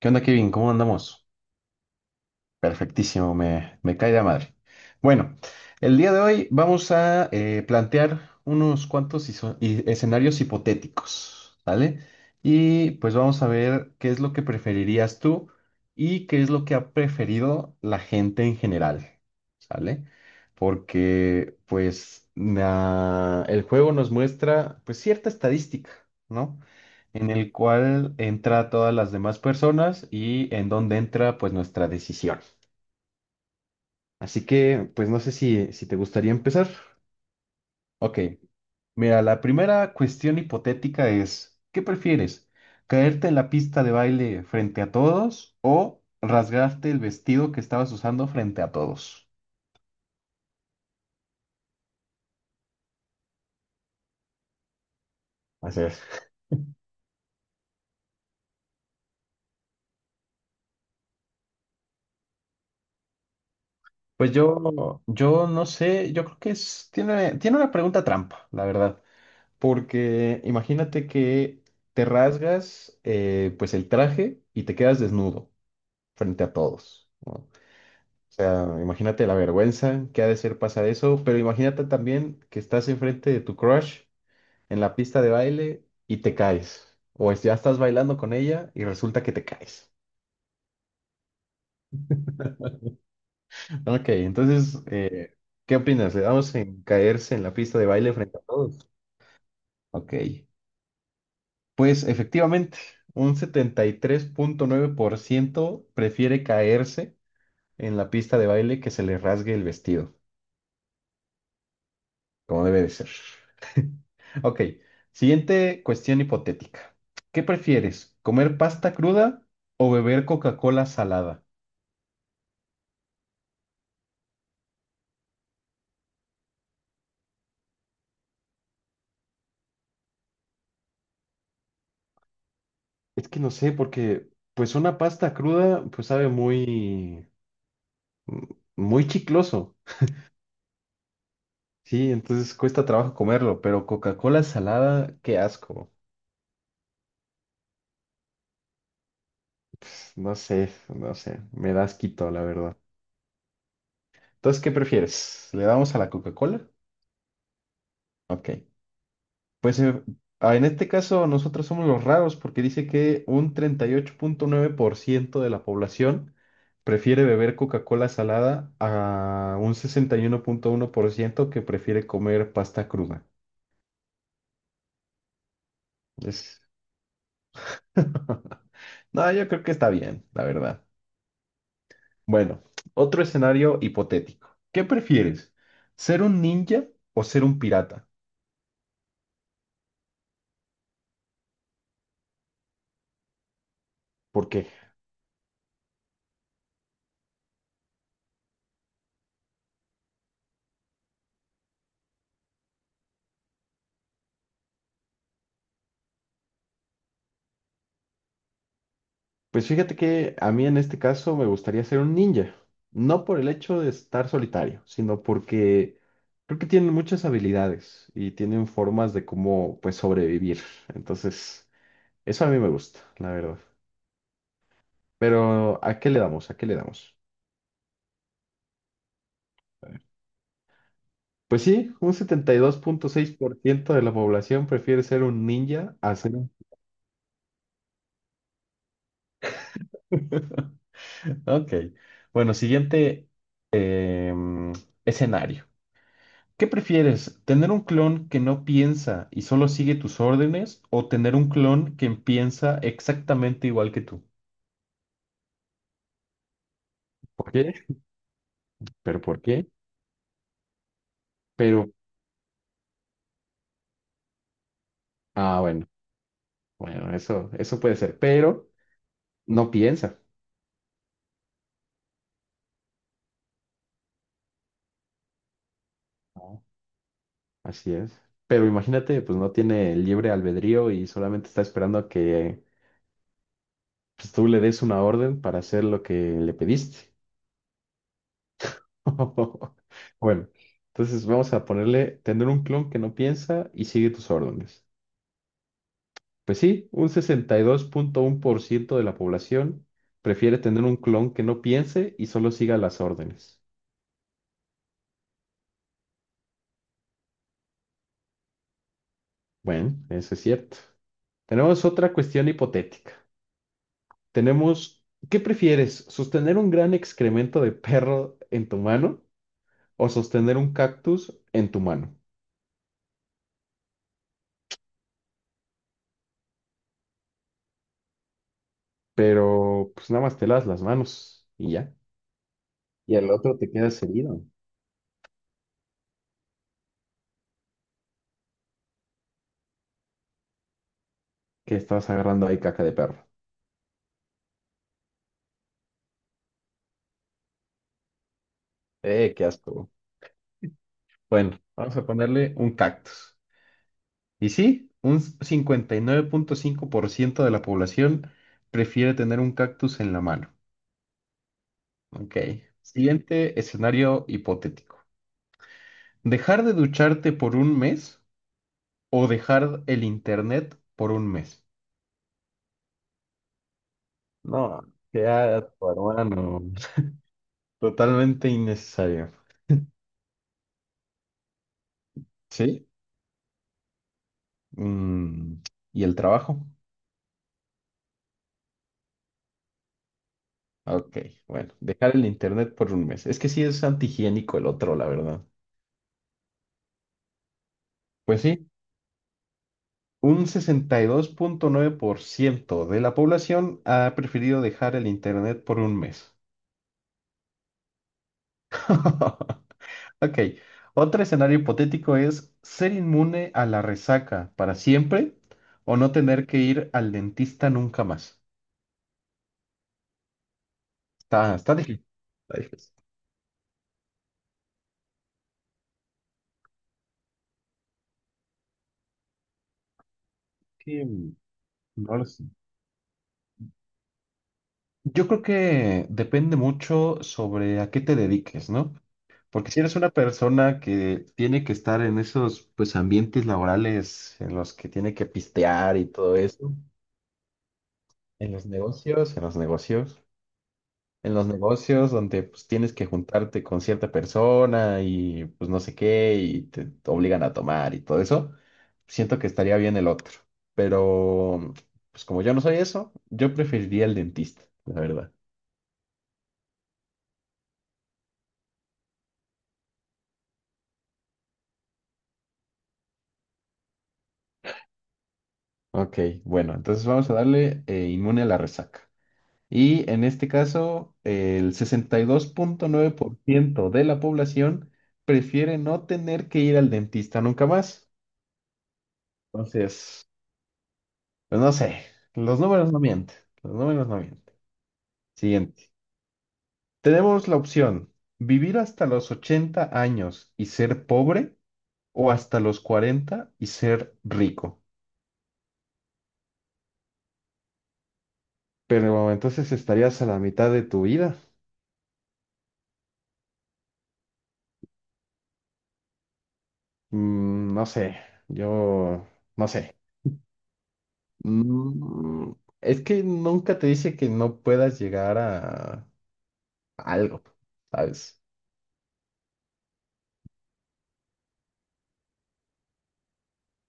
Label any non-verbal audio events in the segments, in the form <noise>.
¿Qué onda, Kevin? ¿Cómo andamos? Perfectísimo, me cae de la madre. Bueno, el día de hoy vamos a plantear unos cuantos escenarios hipotéticos, ¿vale? Y pues vamos a ver qué es lo que preferirías tú y qué es lo que ha preferido la gente en general, ¿sale? Porque pues el juego nos muestra pues cierta estadística, ¿no? En el cual entra todas las demás personas y en donde entra pues nuestra decisión. Así que pues no sé si te gustaría empezar. Ok, mira, la primera cuestión hipotética es, ¿qué prefieres? ¿Caerte en la pista de baile frente a todos o rasgarte el vestido que estabas usando frente a todos? Así es. Pues yo no sé, yo creo que es, tiene una pregunta trampa, la verdad. Porque imagínate que te rasgas pues el traje y te quedas desnudo frente a todos, ¿no? O sea, imagínate la vergüenza que ha de ser pasar eso, pero imagínate también que estás enfrente de tu crush en la pista de baile y te caes. Ya estás bailando con ella y resulta que te caes. <laughs> Ok, entonces, ¿qué opinas? ¿Le damos en caerse en la pista de baile frente a todos? Ok. Pues efectivamente, un 73.9% prefiere caerse en la pista de baile que se le rasgue el vestido, como debe de ser. Ok, siguiente cuestión hipotética. ¿Qué prefieres, comer pasta cruda o beber Coca-Cola salada? Es que no sé, porque pues una pasta cruda pues sabe muy, muy chicloso. Sí, entonces cuesta trabajo comerlo, pero Coca-Cola salada, qué asco. No sé, no sé, me da asquito, la verdad. Entonces, ¿qué prefieres? ¿Le damos a la Coca-Cola? Ok. Pues en este caso nosotros somos los raros porque dice que un 38.9% de la población prefiere beber Coca-Cola salada a un sesenta y uno punto uno por ciento que prefiere comer pasta cruda. Es... <laughs> No, yo creo que está bien, la verdad. Bueno, otro escenario hipotético. ¿Qué prefieres? ¿Ser un ninja o ser un pirata? Porque pues fíjate que a mí en este caso me gustaría ser un ninja, no por el hecho de estar solitario, sino porque creo que tienen muchas habilidades y tienen formas de cómo pues sobrevivir. Entonces, eso a mí me gusta, la verdad. Pero ¿a qué le damos? ¿A qué le damos? Pues sí, un 72.6% de la población prefiere ser un ninja a ser un... <laughs> Ok. Bueno, siguiente em, escenario. ¿Qué prefieres? ¿Tener un clon que no piensa y solo sigue tus órdenes o tener un clon que piensa exactamente igual que tú? ¿Por qué? ¿Pero por qué? Pero, ah, bueno, bueno, eso puede ser, pero no piensa. No. Así es. Pero imagínate, pues no tiene libre albedrío y solamente está esperando a que pues, tú le des una orden para hacer lo que le pediste. <laughs> Bueno, entonces vamos a ponerle tener un clon que no piensa y sigue tus órdenes. Pues sí, un 62.1% de la población prefiere tener un clon que no piense y solo siga las órdenes. Bueno, eso es cierto. Tenemos otra cuestión hipotética. Tenemos, ¿qué prefieres? ¿Sostener un gran excremento de perro en tu mano o sostener un cactus en tu mano? Pero pues nada más te las manos y ya. Y al otro te quedas herido. Que estabas agarrando ahí caca de perro. Qué asco. Bueno, vamos a ponerle un cactus. Y sí, un 59.5% de la población prefiere tener un cactus en la mano. Ok. Siguiente escenario hipotético. ¿Dejar de ducharte por un mes o dejar el internet por un mes? No, qué asco, hermano. Totalmente innecesario. ¿Sí? Mm, ¿Y el trabajo? Ok, bueno, dejar el internet por un mes. Es que sí es antihigiénico el otro, la verdad. Pues sí, un 62.9% de la población ha preferido dejar el Internet por un mes. <laughs> Ok, otro escenario hipotético es ser inmune a la resaca para siempre o no tener que ir al dentista nunca más. Está difícil. Está difícil. Que, no lo sé. Yo creo que depende mucho sobre a qué te dediques, ¿no? Porque si eres una persona que tiene que estar en esos pues ambientes laborales en los que tiene que pistear y todo eso, en los negocios, en los negocios, en los negocios donde pues tienes que juntarte con cierta persona y pues no sé qué y te obligan a tomar y todo eso, siento que estaría bien el otro. Pero pues como yo no soy eso, yo preferiría el dentista, la verdad. Ok, bueno, entonces vamos a darle inmune a la resaca. Y en este caso, el 62.9% de la población prefiere no tener que ir al dentista nunca más. Entonces, pues no sé, los números no mienten, los números no mienten. Siguiente. Tenemos la opción, vivir hasta los 80 años y ser pobre o hasta los 40 y ser rico. Pero entonces estarías a la mitad de tu vida. No sé, yo no sé. Mm, es que nunca te dice que no puedas llegar a algo, ¿sabes?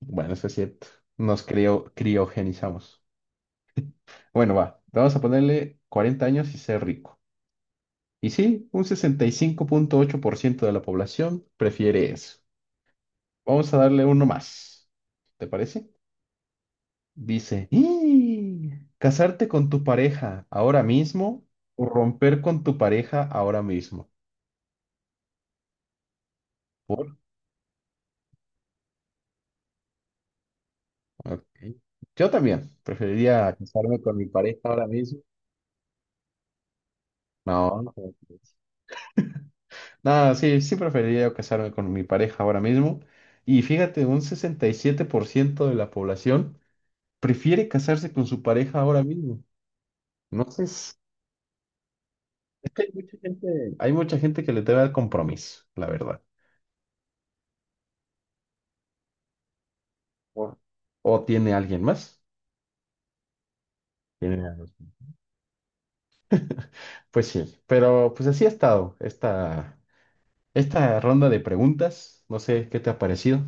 Bueno, eso es cierto. Nos criogenizamos. Bueno, va, vamos a ponerle 40 años y ser rico. Y sí, un 65.8% de la población prefiere eso. Vamos a darle uno más. ¿Te parece? Dice, "¡Ih! ¿Casarte con tu pareja ahora mismo o romper con tu pareja ahora mismo? Ok. Yo también preferiría casarme con mi pareja ahora mismo. No, no. ¿Cómo crees? No, sí, sí preferiría casarme con mi pareja ahora mismo. Y fíjate, un 67% de la población prefiere casarse con su pareja ahora mismo. No sé, es que hay mucha gente que le teme al compromiso, la verdad. O, o tiene alguien más. Tiene a- <laughs> Pues sí, pero pues así ha estado esta ronda de preguntas. No sé qué te ha parecido.